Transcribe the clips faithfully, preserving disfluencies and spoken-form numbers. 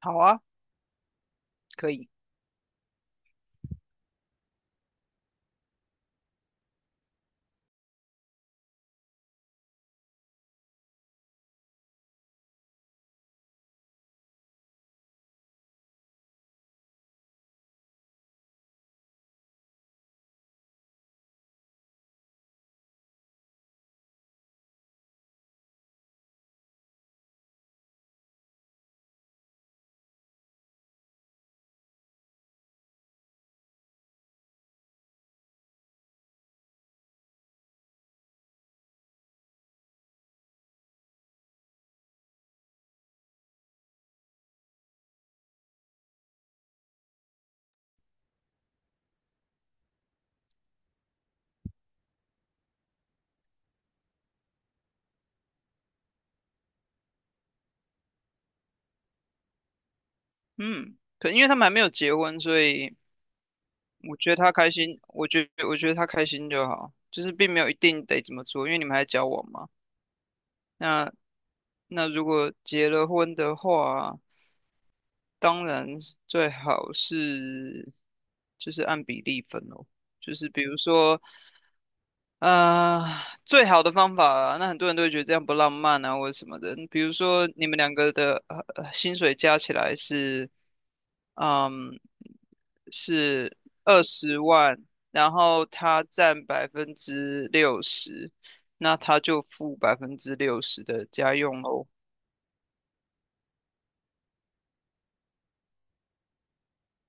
好啊。可以。嗯，可因为他们还没有结婚，所以我觉得他开心，我觉得我觉得他开心就好，就是并没有一定得怎么做，因为你们还交往嘛。那那如果结了婚的话，当然最好是就是按比例分哦，就是比如说呃，最好的方法啊，那很多人都会觉得这样不浪漫啊，或者什么的。比如说，你们两个的呃呃薪水加起来是，嗯，是二十万，然后他占百分之六十，那他就付百分之六十的家用喽。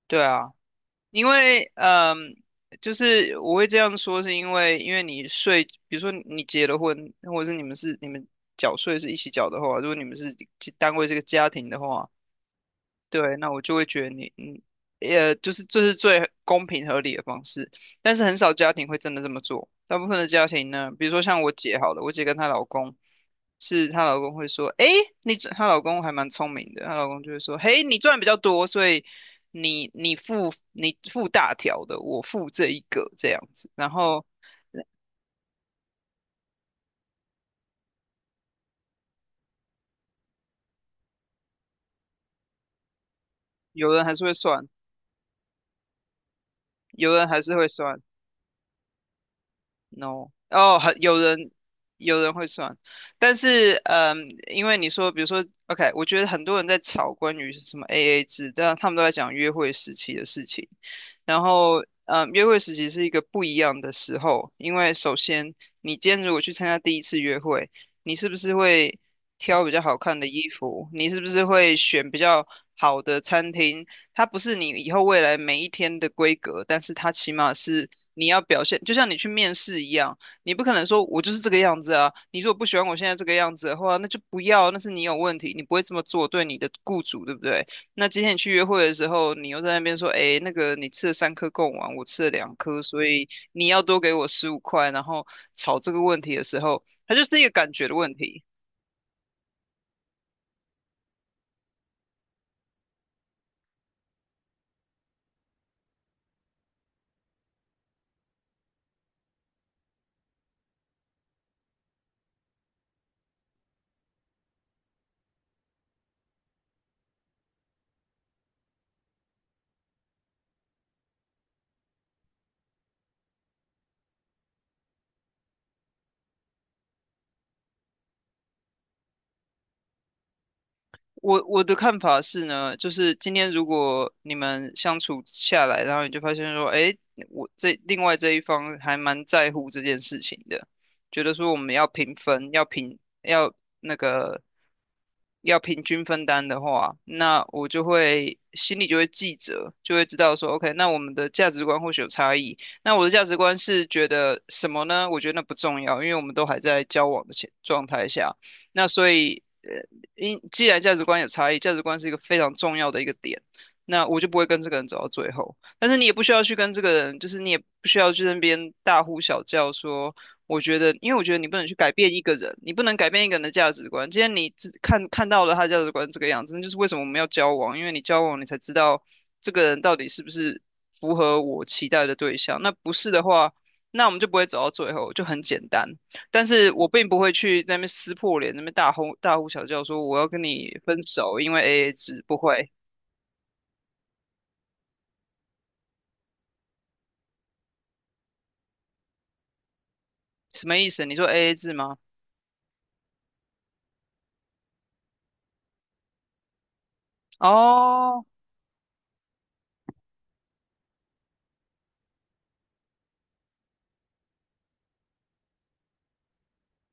对啊，因为嗯，就是我会这样说，是因为因为你税，比如说你结了婚，或者是你们是你们缴税是一起缴的话，如果你们是单位是个家庭的话，对，那我就会觉得你，嗯，也就是这是最公平合理的方式，但是很少家庭会真的这么做。大部分的家庭呢，比如说像我姐好了，我姐跟她老公，是她老公会说，诶，你赚她老公还蛮聪明的，她老公就会说，嘿，你赚比较多，所以你你付你付大条的，我付这一个这样子。然后有人还是会算，有人还是会算，No,哦，很有人有人会算，但是嗯，因为你说，比如说，OK,我觉得很多人在吵关于什么 A A 制，但他们都在讲约会时期的事情。然后，嗯，约会时期是一个不一样的时候，因为首先，你今天如果去参加第一次约会，你是不是会挑比较好看的衣服？你是不是会选比较好的餐厅？它不是你以后未来每一天的规格，但是它起码是你要表现，就像你去面试一样，你不可能说我就是这个样子啊，你如果不喜欢我现在这个样子的话，那就不要，那是你有问题，你不会这么做，对你的雇主，对不对？那今天你去约会的时候，你又在那边说，哎，那个你吃了三颗贡丸，我吃了两颗，所以你要多给我十五块，然后吵这个问题的时候，它就是一个感觉的问题。我我的看法是呢，就是今天如果你们相处下来，然后你就发现说，哎，我这另外这一方还蛮在乎这件事情的，觉得说我们要平分，要平，要那个要平均分担的话，那我就会心里就会记着，就会知道说，OK,那我们的价值观或许有差异。那我的价值观是觉得什么呢？我觉得那不重要，因为我们都还在交往的前状态下。那所以，呃，因既然价值观有差异，价值观是一个非常重要的一个点，那我就不会跟这个人走到最后。但是你也不需要去跟这个人，就是你也不需要去那边大呼小叫说。我觉得，因为我觉得你不能去改变一个人，你不能改变一个人的价值观。今天你只看看到了他的价值观这个样子，那就是为什么我们要交往，因为你交往你才知道这个人到底是不是符合我期待的对象。那不是的话，那我们就不会走到最后，就很简单。但是我并不会去那边撕破脸，那边大吼大呼小叫说我要跟你分手，因为 A A 制不会，什么意思？你说 A A 制吗？哦，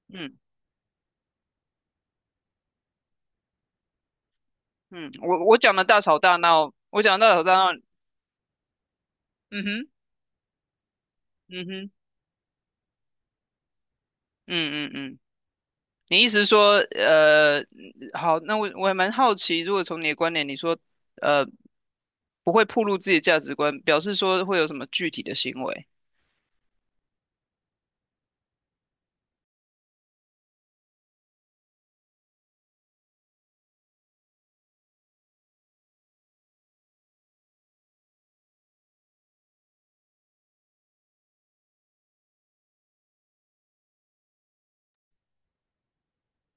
嗯嗯，我我讲的大吵大闹，我讲的大吵大闹。嗯哼。嗯哼。嗯嗯嗯，你意思是说，呃，嗯好，那我我还蛮好奇，如果从你的观点，你说，呃，不会暴露自己的价值观，表示说会有什么具体的行为？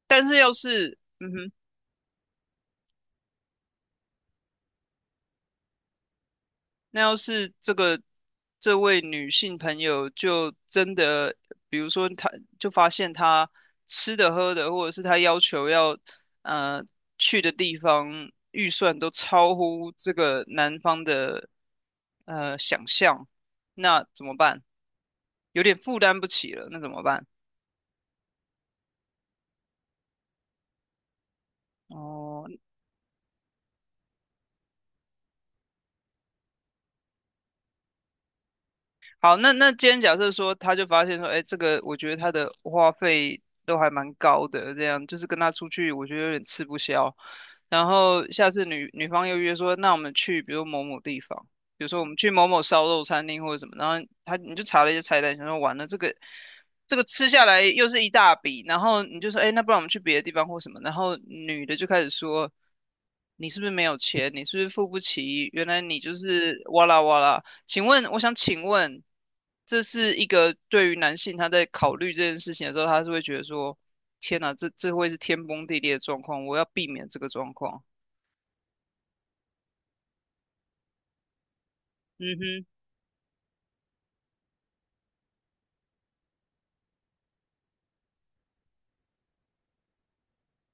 但是要是，嗯哼。那要是这个这位女性朋友就真的，比如说她就发现她吃的喝的，或者是她要求要，呃，去的地方预算都超乎这个男方的，呃，想象，那怎么办？有点负担不起了，那怎么办？哦，好，那那今天假设说，他就发现说，哎，这个我觉得他的花费都还蛮高的，这样就是跟他出去，我觉得有点吃不消。然后下次女女方又约说，那我们去，比如某某地方，比如说我们去某某烧肉餐厅或者什么，然后他你就查了一些菜单，想说完了这个这个吃下来又是一大笔，然后你就说，哎，那不然我们去别的地方或什么，然后女的就开始说，你是不是没有钱？你是不是付不起？原来你就是哇啦哇啦。请问，我想请问，这是一个对于男性他在考虑这件事情的时候，他是会觉得说，天哪，这这会是天崩地裂的状况，我要避免这个状况。嗯哼。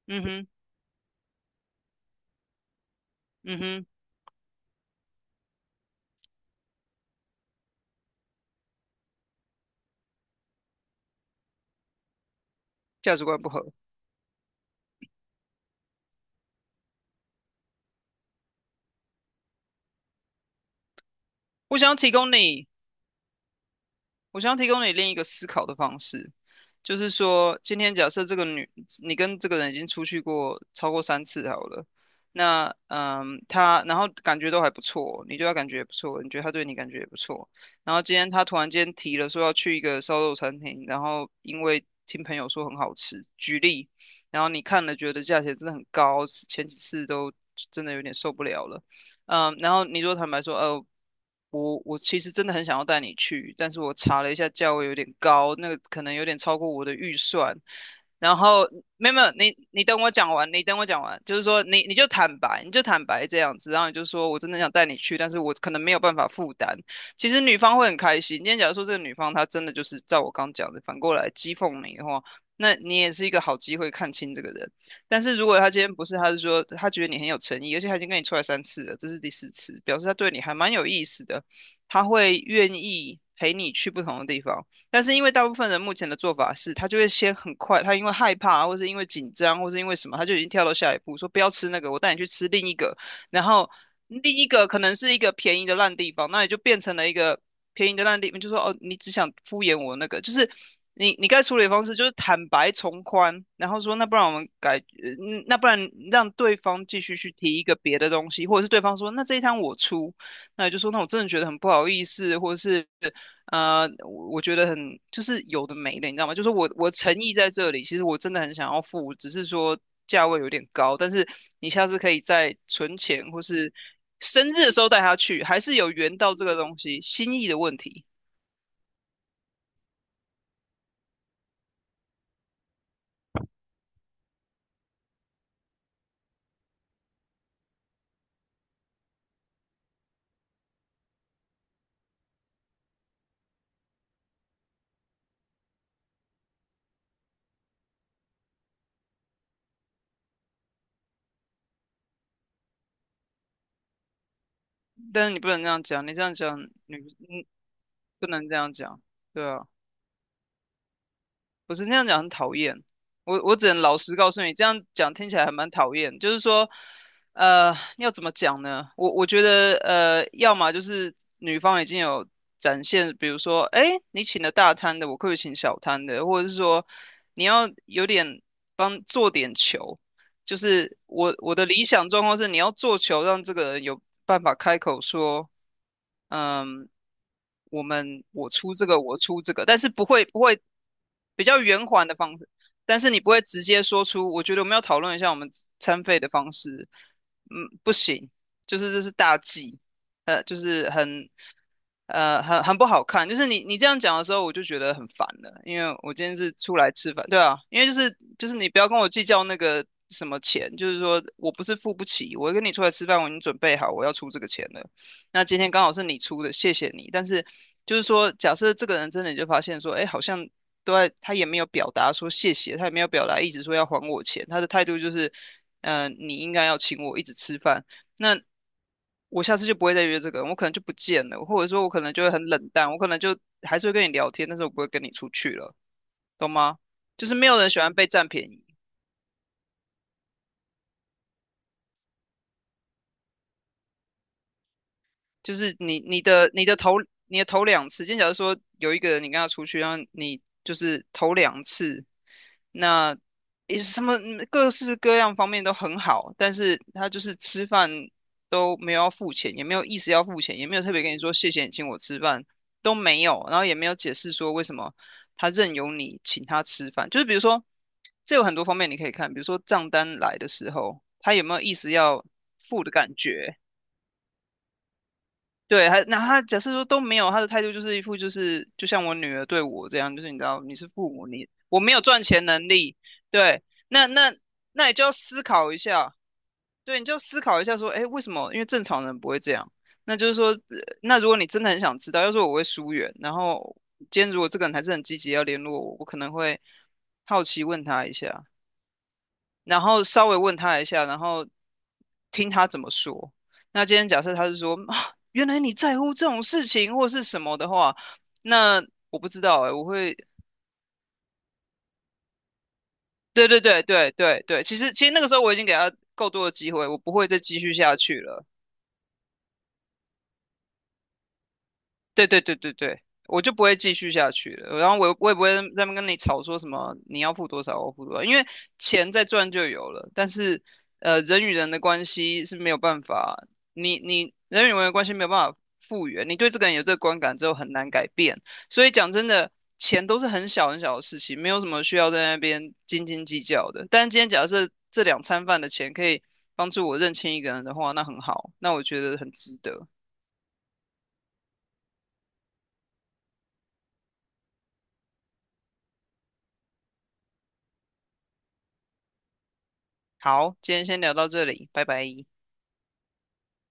嗯哼。嗯哼。价值观不合。我想要提供你我想提供你另一个思考的方式，就是说，今天假设这个女，你跟这个人已经出去过超过三次好了，那嗯，他然后感觉都还不错，你对他感觉也不错，你觉得他对你感觉也不错，然后今天他突然间提了说要去一个烧肉餐厅，然后因为听朋友说很好吃，举例，然后你看了觉得价钱真的很高，前几次都真的有点受不了了。嗯，然后你如果坦白说，呃，我我其实真的很想要带你去，但是我查了一下价位有点高，那个可能有点超过我的预算。然后没有没有，你你等我讲完，你等我讲完，就是说你你就坦白，你就坦白这样子，然后你就说我真的想带你去，但是我可能没有办法负担。其实女方会很开心。今天假如说这个女方她真的就是照我刚讲的，反过来讥讽你的话，那你也是一个好机会看清这个人。但是如果他今天不是，他是说他觉得你很有诚意，而且他已经跟你出来三次了，这是第四次，表示他对你还蛮有意思的，他会愿意陪你去不同的地方。但是因为大部分人目前的做法是，他就会先很快，他因为害怕，或是因为紧张，或是因为什么，他就已经跳到下一步，说不要吃那个，我带你去吃另一个，然后另一个可能是一个便宜的烂地方，那也就变成了一个便宜的那地方，就说哦，你只想敷衍我那个，就是你你该处理的方式就是坦白从宽，然后说那不然我们改，呃嗯那不然让对方继续去提一个别的东西，或者是对方说那这一摊我出，那你就说那我真的觉得很不好意思，或者是呃我我觉得很就是有的没的，你知道吗？就是我我诚意在这里，其实我真的很想要付，只是说。价位有点高，但是你下次可以再存钱，或是生日的时候带他去，还是有缘到这个东西心意的问题。但是你不能这样讲，你这样讲，你你不能这样讲，对啊。不是那样讲很讨厌，我我只能老实告诉你，这样讲听起来还蛮讨厌。就是说，呃，要怎么讲呢？我我觉得，呃，要么就是女方已经有展现，比如说，哎，你请了大摊的，我可不可以请小摊的？或者是说，你要有点帮做点球，就是我我的理想状况是，你要做球，让这个人有办法开口说，嗯、我们我出这个，我出这个，但是不会不会比较圆环的方式，但是你不会直接说出，我觉得我们要讨论一下我们餐费的方式，嗯，不行，就是这是大忌，呃，就是很呃很很不好看，就是你你这样讲的时候，我就觉得很烦了，因为我今天是出来吃饭，对啊，因为就是就是你不要跟我计较那个什么钱，就是说我不是付不起，我跟你出来吃饭，我已经准备好我要出这个钱了。那今天刚好是你出的，谢谢你。但是就是说，假设这个人真的就发现说，哎，好像都在，他也没有表达说谢谢，他也没有表达一直说要还我钱，他的态度就是，嗯、你应该要请我一直吃饭。那我下次就不会再约这个人，我可能就不见了，或者说我可能就会很冷淡，我可能就还是会跟你聊天，但是我不会跟你出去了，懂吗？就是没有人喜欢被占便宜。就是你你的你的头你的头两次，今天假如说有一个人你跟他出去，然后你就是头两次，那也什么嗯各式各样方面都很好，但是他就是吃饭都没有要付钱，也没有意思要付钱，也没有特别跟你说谢谢你请我吃饭都没有，然后也没有解释说为什么他任由你请他吃饭，就是比如说这有很多方面你可以看，比如说账单来的时候，他有没有意思要付的感觉。对，还那他假设说都没有，他的态度就是一副就是就像我女儿对我这样，就是你知道你是父母，你我没有赚钱能力，对，那那那你就要思考一下，对，你就要思考一下说，哎，为什么？因为正常人不会这样。那就是说，呃那如果你真的很想知道，要是我会疏远，然后今天如果这个人还是很积极要联络我，我可能会好奇问他一下，然后稍微问他一下，然后听他怎么说。那今天假设他是说啊，原来你在乎这种事情或是什么的话，那我不知道哎、我会，对对对对对对，其实其实那个时候我已经给他够多的机会，我不会再继续下去了。对对对对对，我就不会继续下去了。然后我我也不会在那边跟你吵说什么你要付多少，我付多少，因为钱再赚就有了。但是呃，人与人的关系是没有办法，你你人与人的关系没有办法复原，你对这个人有这个观感之后很难改变。所以讲真的，钱都是很小很小的事情，没有什么需要在那边斤斤计较的。但今天假设这两餐饭的钱可以帮助我认清一个人的话，那很好，那我觉得很值得。好，今天先聊到这里，拜拜。